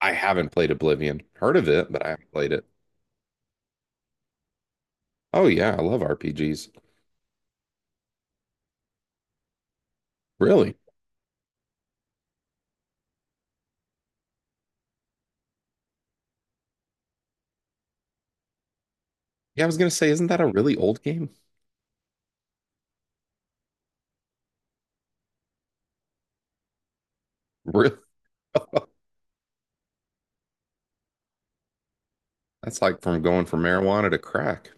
I haven't played Oblivion. Heard of it, but I haven't played it. Oh yeah, I love RPGs. Really? Yeah, I was gonna say, isn't that a really old game? Really? That's like from going from marijuana to crack.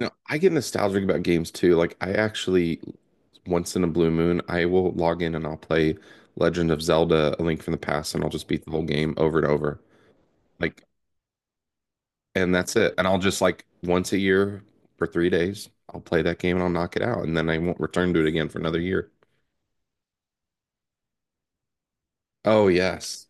No, I get nostalgic about games too. Like I actually once in a blue moon, I will log in and I'll play Legend of Zelda: A Link from the Past, and I'll just beat the whole game over and over. Like, and that's it. And I'll just like once a year for 3 days, I'll play that game and I'll knock it out, and then I won't return to it again for another year. Oh yes.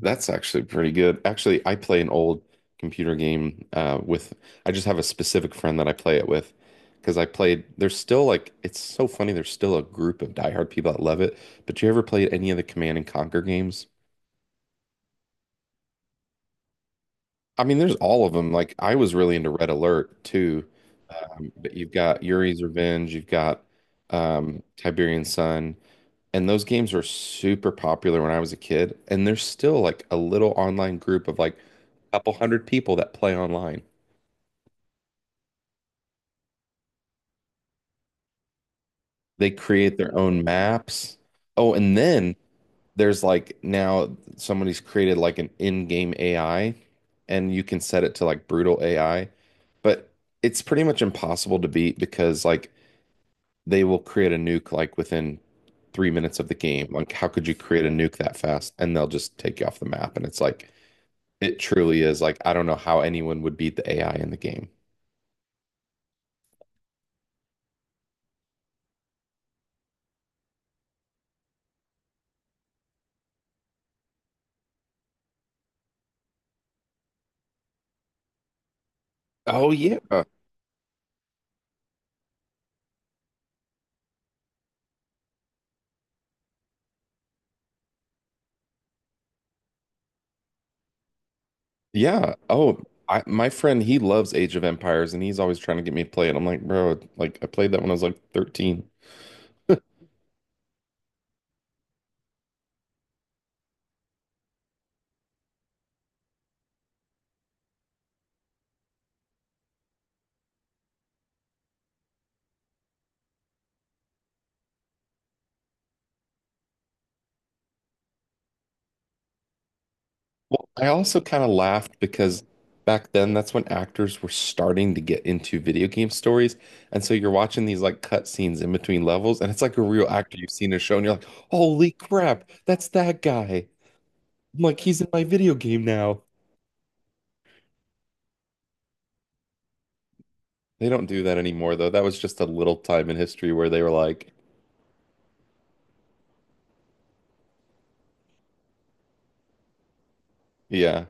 That's actually pretty good. Actually, I play an old computer game with, I just have a specific friend that I play it with because I played, there's still like, it's so funny. There's still a group of diehard people that love it. But you ever played any of the Command and Conquer games? I mean, there's all of them. Like, I was really into Red Alert too. But you've got Yuri's Revenge, you've got Tiberian Sun. And those games were super popular when I was a kid. And there's still like a little online group of like a couple 100 people that play online. They create their own maps. Oh, and then there's like now somebody's created like an in-game AI and you can set it to like brutal AI. But it's pretty much impossible to beat because like they will create a nuke like within 3 minutes of the game. Like, how could you create a nuke that fast? And they'll just take you off the map. And it's like, it truly is like, I don't know how anyone would beat the AI in the game. Oh, yeah. Yeah. Oh, I, my friend, he loves Age of Empires and he's always trying to get me to play it. I'm like, bro, like I played that when I was like 13. Well, I also kind of laughed because back then that's when actors were starting to get into video game stories. And so you're watching these like cut scenes in between levels and it's like a real actor you've seen in a show and you're like, holy crap, that's that guy. I'm like, he's in my video game now. They don't do that anymore though. That was just a little time in history where they were like, yeah,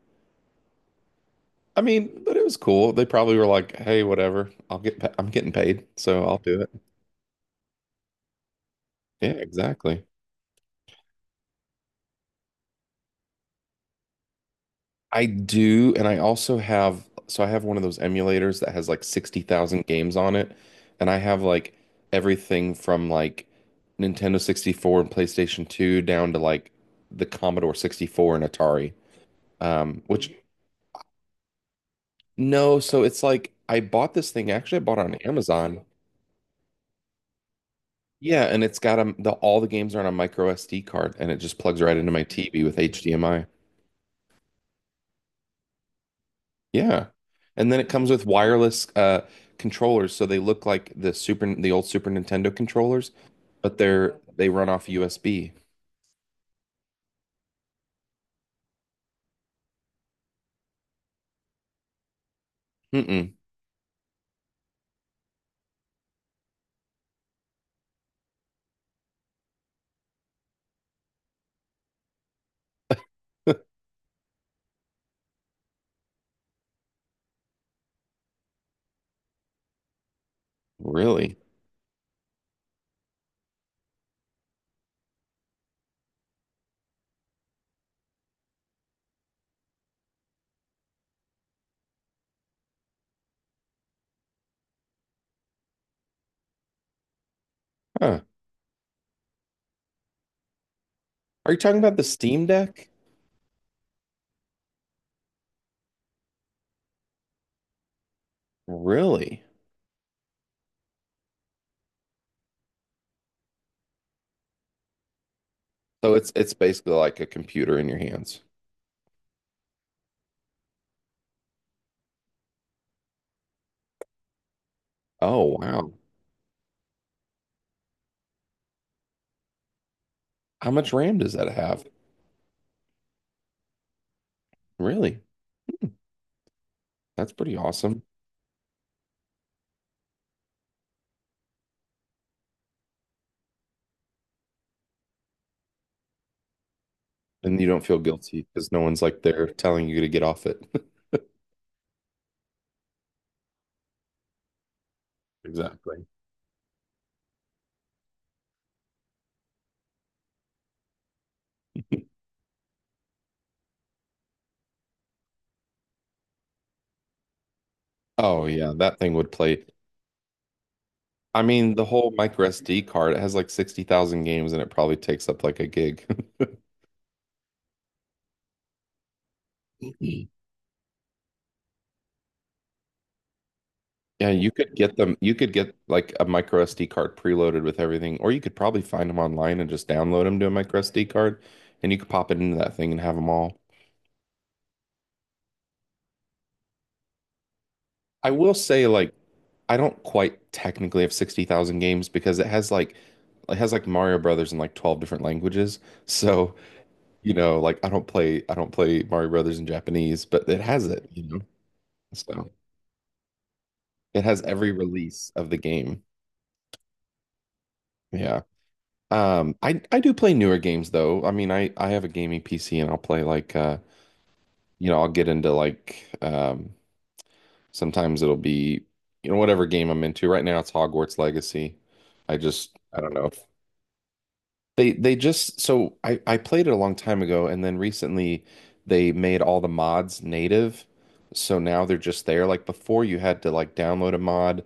I mean, but it was cool. They probably were like, "Hey, whatever. I'll get pa I'm getting paid, so I'll do it." Yeah, exactly. I do, and I also have so I have one of those emulators that has like 60,000 games on it, and I have like everything from like Nintendo 64 and PlayStation 2 down to like the Commodore 64 and Atari. Which no, so it's like I bought this thing actually I bought it on Amazon. Yeah, and it's got a, the all the games are on a micro SD card, and it just plugs right into my TV with HDMI. Yeah, and then it comes with wireless controllers, so they look like the super the old Super Nintendo controllers, but they run off USB. Mm-mm. Really? Huh. Are you talking about the Steam Deck? Really? So it's basically like a computer in your hands. Oh wow. How much RAM does that have? Really? Hmm. That's pretty awesome. And you don't feel guilty because no one's like there telling you to get off it. Exactly. Oh yeah, that thing would play. I mean, the whole micro SD card, it has like 60,000 games and it probably takes up like a gig. Yeah, you could get them, you could get like a micro SD card preloaded with everything, or you could probably find them online and just download them to a micro SD card and you could pop it into that thing and have them all. I will say like I don't quite technically have 60,000 games because it has like Mario Brothers in like 12 different languages. So, you know, like I don't play Mario Brothers in Japanese, but it has it, you know. So, it has every release of the game. Yeah. I do play newer games though. I mean, I have a gaming PC and I'll play like you know, I'll get into like sometimes it'll be you know whatever game I'm into. Right now it's Hogwarts Legacy. I just I don't know. They just so I played it a long time ago and then recently they made all the mods native. So now they're just there. Like before you had to like download a mod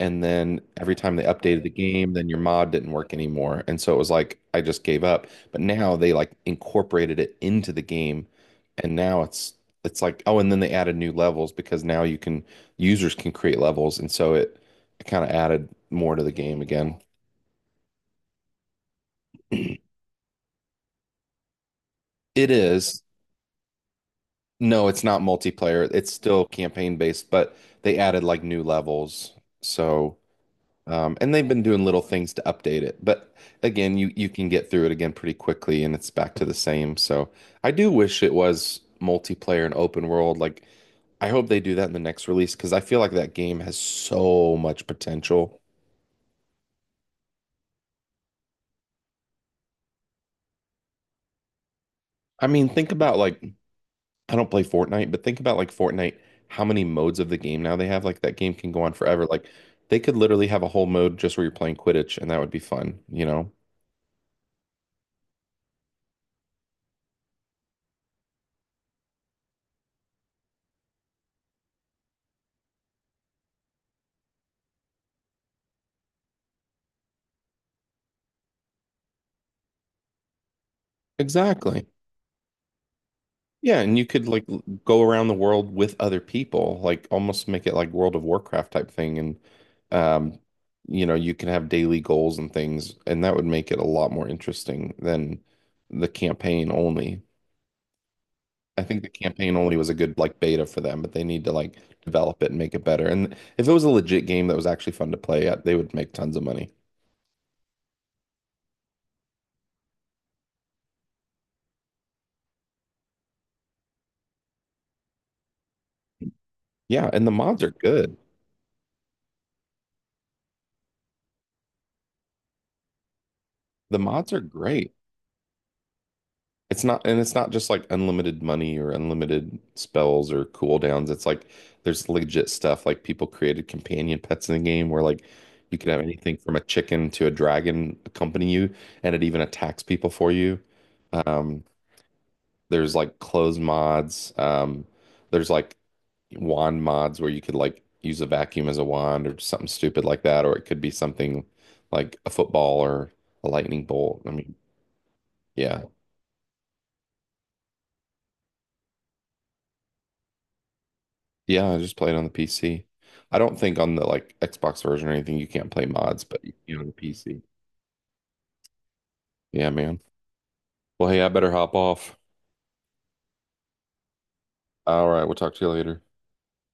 and then every time they updated the game, then your mod didn't work anymore. And so it was like I just gave up. But now they like incorporated it into the game and now it's like oh and then they added new levels because now you can users can create levels and so it kind of added more to the game again. It is. No, it's not multiplayer. It's still campaign based, but they added like new levels. So, and they've been doing little things to update it. But again, you can get through it again pretty quickly, and it's back to the same. So, I do wish it was multiplayer and open world. Like, I hope they do that in the next release because I feel like that game has so much potential. I mean, think about like I don't play Fortnite, but think about like Fortnite, how many modes of the game now they have. Like that game can go on forever. Like they could literally have a whole mode just where you're playing Quidditch and that would be fun, you know? Exactly. Yeah, and you could like go around the world with other people, like almost make it like World of Warcraft type thing and um you know, you can have daily goals and things and that would make it a lot more interesting than the campaign only. I think the campaign only was a good like beta for them, but they need to like develop it and make it better. And if it was a legit game that was actually fun to play, they would make tons of money. Yeah, and the mods are good. The mods are great. It's not, and it's not just like unlimited money or unlimited spells or cooldowns. It's like there's legit stuff. Like people created companion pets in the game where like you could have anything from a chicken to a dragon accompany you, and it even attacks people for you. Um, there's like clothes mods. There's like wand mods where you could like use a vacuum as a wand or something stupid like that, or it could be something like a football or a lightning bolt. I mean, yeah, Yeah, I just played on the PC. I don't think on the like Xbox version or anything you can't play mods, but you can on the PC. Yeah, man. Well, hey, I better hop off. All right, we'll talk to you later.